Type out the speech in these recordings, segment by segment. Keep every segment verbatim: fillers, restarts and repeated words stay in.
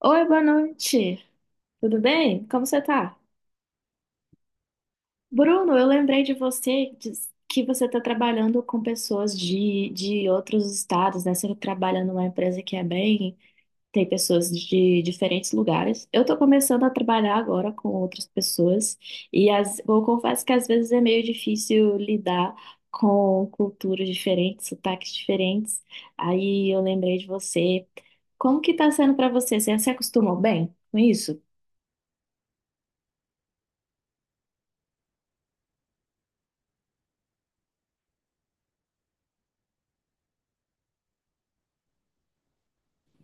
Oi, boa noite. Tudo bem? Como você tá? Bruno, eu lembrei de você diz- que você está trabalhando com pessoas de, de outros estados, né? Você trabalha numa empresa que é bem, tem pessoas de diferentes lugares. Eu estou começando a trabalhar agora com outras pessoas e as, eu confesso que às vezes é meio difícil lidar com culturas diferentes, sotaques diferentes. Aí eu lembrei de você. Como que tá sendo para você? Você se acostumou bem com isso?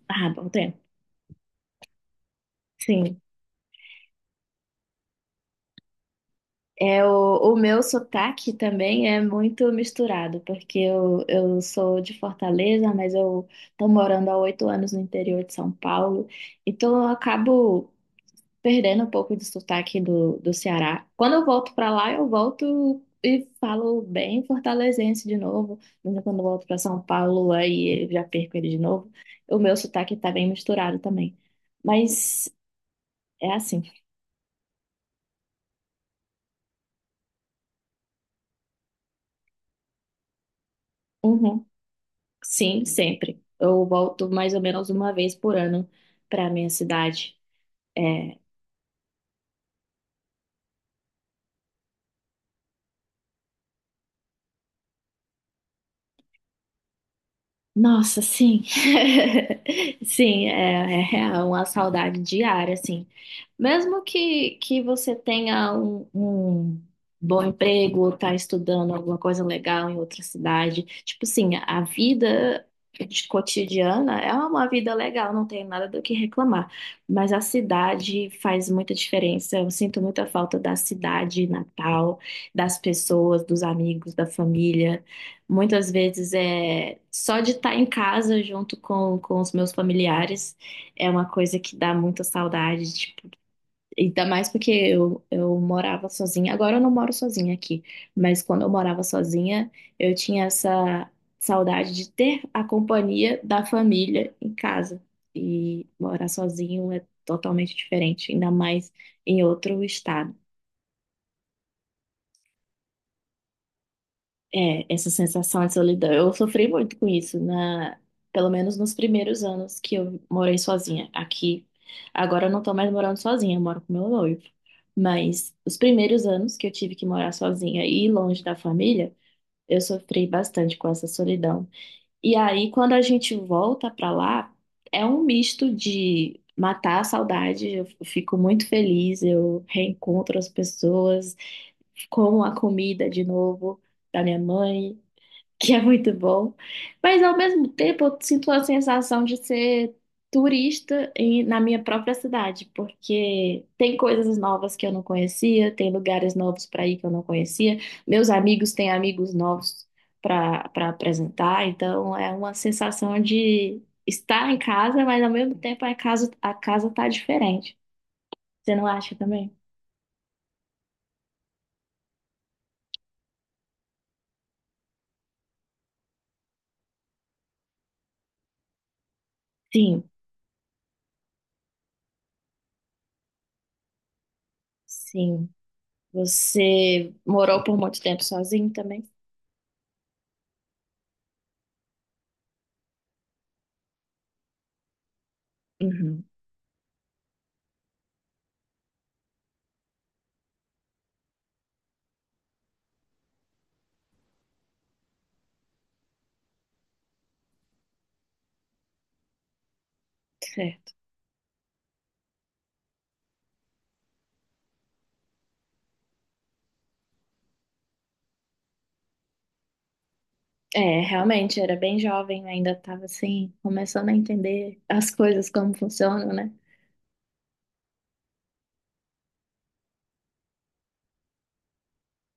Ah, bom tempo. Sim, é o, o meu sotaque também é muito misturado, porque eu, eu sou de Fortaleza, mas eu estou morando há oito anos no interior de São Paulo, então eu acabo perdendo um pouco do sotaque do, do Ceará. Quando eu volto para lá, eu volto e falo bem fortalezense de novo, mas quando eu volto para São Paulo, aí eu já perco ele de novo. O meu sotaque está bem misturado também, mas é assim. Uhum. Sim, sempre. Eu volto mais ou menos uma vez por ano para minha cidade. É, nossa, sim. Sim, é, é real, uma saudade diária, assim. Mesmo que, que você tenha um, um bom emprego ou tá estudando alguma coisa legal em outra cidade, tipo assim, a vida de- cotidiana é uma vida legal, não tem nada do que reclamar. Mas a cidade faz muita diferença. Eu sinto muita falta da cidade natal, das pessoas, dos amigos, da família. Muitas vezes é só de estar em casa junto com, com os meus familiares é uma coisa que dá muita saudade, tipo, ainda mais porque eu, eu morava sozinha. Agora eu não moro sozinha aqui, mas quando eu morava sozinha, eu tinha essa saudade de ter a companhia da família em casa. E morar sozinho é totalmente diferente, ainda mais em outro estado. É, essa sensação de solidão. Eu sofri muito com isso, na, pelo menos nos primeiros anos que eu morei sozinha aqui. Agora eu não tô mais morando sozinha, eu moro com meu noivo. Mas os primeiros anos que eu tive que morar sozinha e longe da família, eu sofri bastante com essa solidão. E aí, quando a gente volta pra lá, é um misto de matar a saudade, eu fico muito feliz, eu reencontro as pessoas, como a comida de novo da minha mãe que é muito bom, mas ao mesmo tempo eu sinto a sensação de ser turista em- na minha própria cidade, porque tem coisas novas que eu não conhecia, tem lugares novos para ir que eu não conhecia, meus amigos têm amigos novos para para apresentar, então é uma sensação de estar em casa, mas ao mesmo tempo a casa a casa tá diferente. Você não acha também? Sim, sim. Você morou por muito tempo sozinho também? Uhum. Certo. É, realmente, era bem jovem, ainda estava assim, começando a entender as coisas como funcionam, né?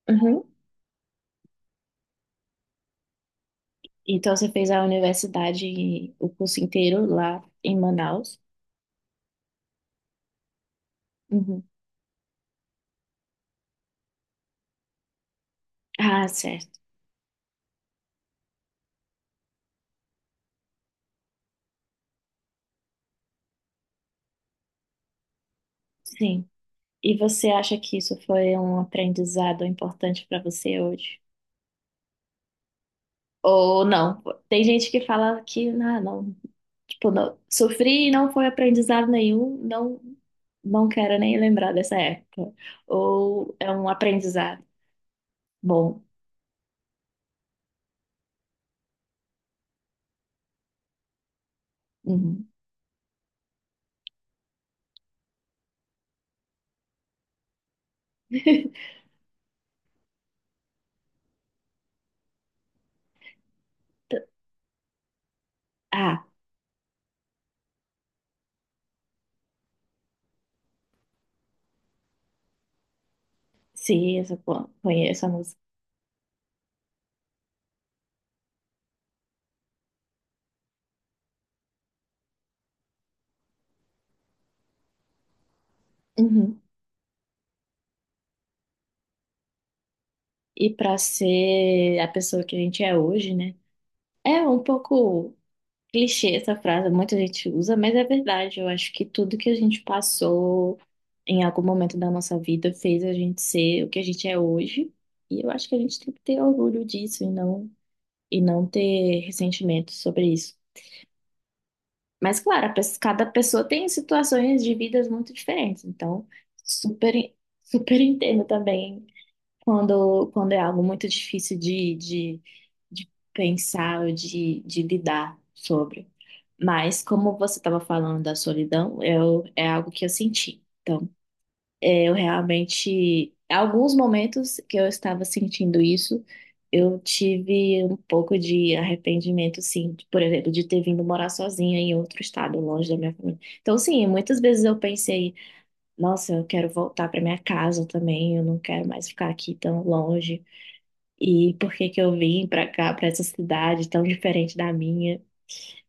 Uhum. Então você fez a universidade, o curso inteiro lá em Manaus? Uhum. Ah, certo. Sim. E você acha que isso foi um aprendizado importante para você hoje? Ou não? Tem gente que fala que, ah, não, tipo, não, sofri e não foi aprendizado nenhum, não, não quero nem lembrar dessa época. Ou é um aprendizado bom. Uhum. Ah, sim, essa, pô, conheço a música. Uhum. E pra ser a pessoa que a gente é hoje, né? É um pouco clichê essa frase, muita gente usa, mas é verdade. Eu acho que tudo que a gente passou em algum momento da nossa vida fez a gente ser o que a gente é hoje. E eu acho que a gente tem que ter orgulho disso e não, e não ter ressentimento sobre isso. Mas, claro, a pes- cada pessoa tem situações de vidas muito diferentes, então super, super entendo também quando, quando é algo muito difícil de, de, de pensar ou de, de lidar sobre. Mas, como você estava falando da solidão, eu, é algo que eu senti. Então eu realmente, alguns momentos que eu estava sentindo isso, eu tive um pouco de arrependimento, sim, de, por exemplo, de ter vindo morar sozinha em outro estado, longe da minha família. Então, sim, muitas vezes eu pensei, nossa, eu quero voltar para minha casa também, eu não quero mais ficar aqui tão longe. E por que que eu vim para cá, para essa cidade tão diferente da minha?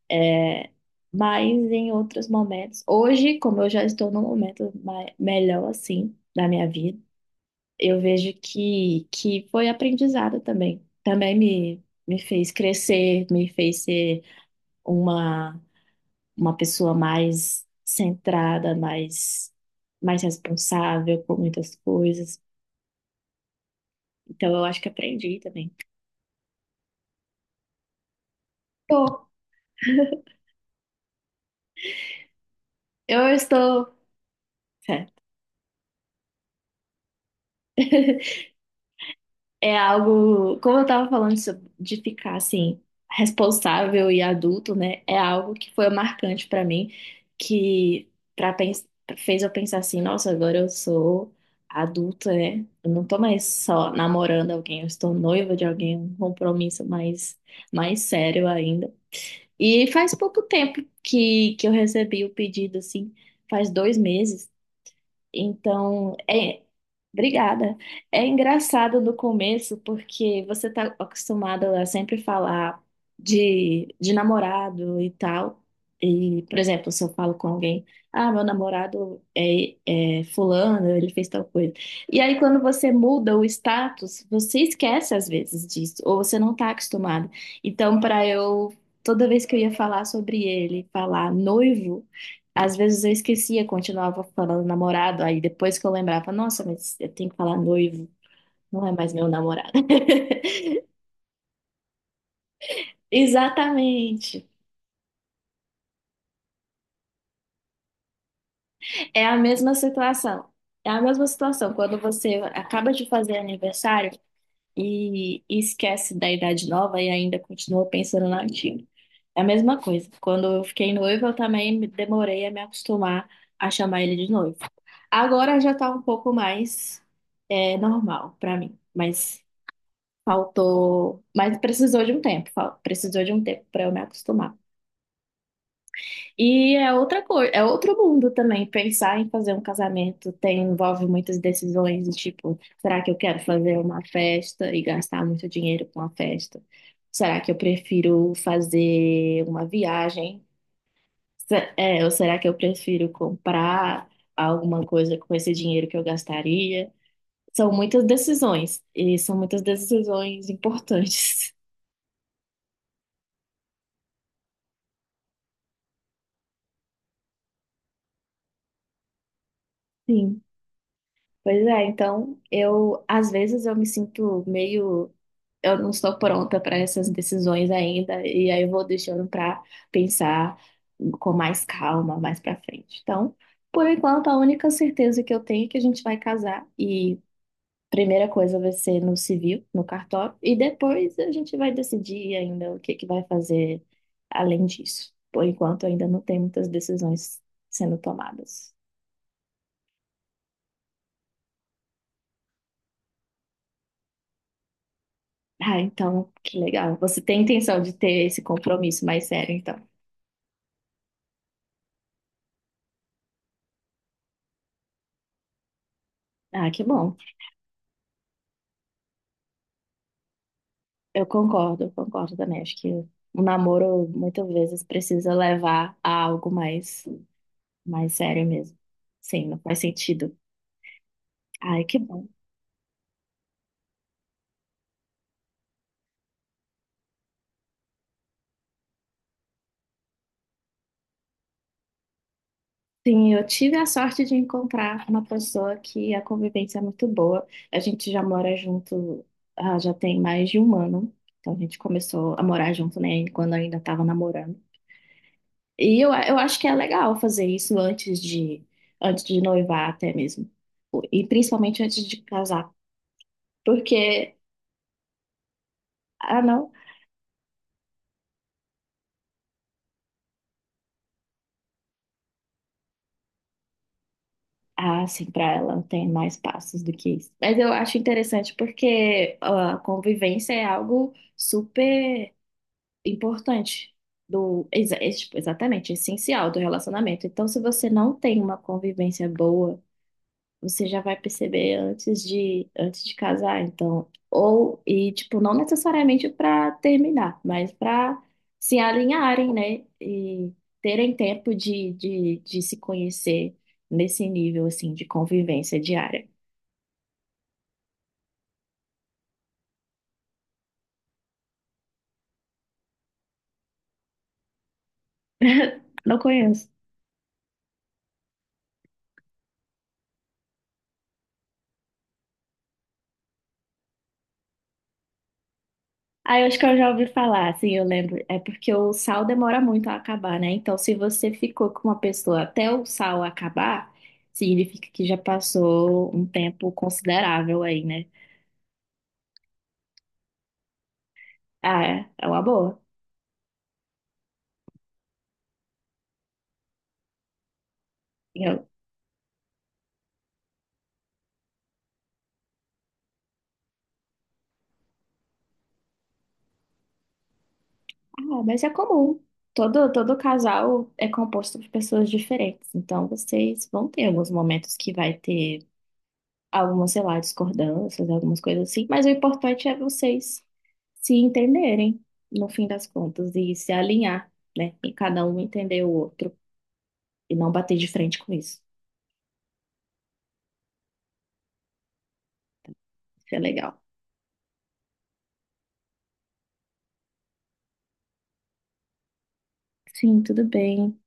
É, mas em outros momentos, hoje, como eu já estou num momento mai- melhor assim da minha vida, eu vejo que, que foi aprendizado também. Também me, me fez crescer, me fez ser uma, uma pessoa mais centrada, mais, mais responsável por muitas coisas. Então, eu acho que aprendi também. Bom, eu estou. É. É algo, como eu estava falando sobre- de ficar assim, responsável e adulto, né? É algo que foi marcante para mim, que para fez eu pensar assim, nossa, agora eu sou adulta, né? Eu não tô mais só namorando alguém, eu estou noiva de alguém, um compromisso mais mais sério ainda. E faz pouco tempo que que eu recebi o pedido assim, faz dois meses então, é. Obrigada. É engraçado no começo, porque você está acostumado a sempre falar de, de namorado e tal. E, por exemplo, se eu falo com alguém, ah, meu namorado é, é fulano, ele fez tal coisa. E aí, quando você muda o status, você esquece às vezes disso, ou você não está acostumado. Então, para eu, toda vez que eu ia falar sobre ele, falar noivo. Às vezes eu esquecia, continuava falando namorado, aí depois que eu lembrava, nossa, mas eu tenho que falar noivo, não é mais meu namorado. Exatamente. É a mesma situação. É a mesma situação quando você acaba de fazer aniversário e e esquece da idade nova e ainda continua pensando na antiga. É a mesma coisa. Quando eu fiquei noiva, eu também me- demorei a me acostumar a chamar ele de noivo. Agora já tá um pouco mais é, normal pra mim, mas Faltou, mas precisou de um tempo, fal- precisou de um tempo para eu me acostumar. E é outra coisa, é outro mundo também. Pensar em fazer um casamento tem, envolve muitas decisões, do tipo, será que eu quero fazer uma festa e gastar muito dinheiro com a festa? Será que eu prefiro fazer uma viagem? Se- É, ou será que eu prefiro comprar alguma coisa com esse dinheiro que eu gastaria? São muitas decisões, e são muitas decisões importantes. Sim. Pois é, então eu às vezes eu me sinto meio eu não estou pronta para essas decisões ainda e aí eu vou deixando para pensar com mais calma mais para frente. Então, por enquanto a única certeza que eu tenho é que a gente vai casar e primeira coisa vai ser no civil, no cartório e depois a gente vai decidir ainda o que que vai fazer além disso. Por enquanto ainda não tem muitas decisões sendo tomadas. Ah, então, que legal. Você tem intenção de ter esse compromisso mais sério, então. Ah, que bom. Eu concordo, eu concordo também. Acho que o namoro muitas vezes precisa levar a algo mais, mais sério mesmo. Sim, não faz sentido. Ai, que bom. Sim, eu tive a sorte de encontrar uma pessoa que a convivência é muito boa. A gente já mora junto, ah, já tem mais de um ano. Então a gente começou a morar junto, né, quando eu ainda estava namorando. E eu, eu acho que é legal fazer isso antes de, antes de noivar até mesmo. E principalmente antes de casar. Porque, ah, não. Ah, sim, para ela não tem mais passos do que isso. Mas eu acho interessante porque a convivência é algo super importante do, exa- é, tipo, exatamente, essencial do relacionamento. Então, se você não tem uma convivência boa você já vai perceber antes de antes de casar, então, ou e tipo, não necessariamente para terminar, mas para se alinharem, né, e terem tempo de, de, de se conhecer nesse nível assim de convivência diária. Não conheço. Ah, eu acho que eu já ouvi falar, assim, eu lembro. É porque o sal demora muito a acabar, né? Então, se você ficou com uma pessoa até o sal acabar, significa que já passou um tempo considerável aí, né? Ah, é, é uma boa. E eu, ah, mas é comum. Todo, todo casal é composto por pessoas diferentes. Então, vocês vão ter alguns momentos que vai ter algumas, sei lá, discordâncias, algumas coisas assim. Mas o importante é vocês se entenderem, no fim das contas, e se alinhar, né? E cada um entender o outro e não bater de frente com isso. Isso é legal. Sim, tudo bem.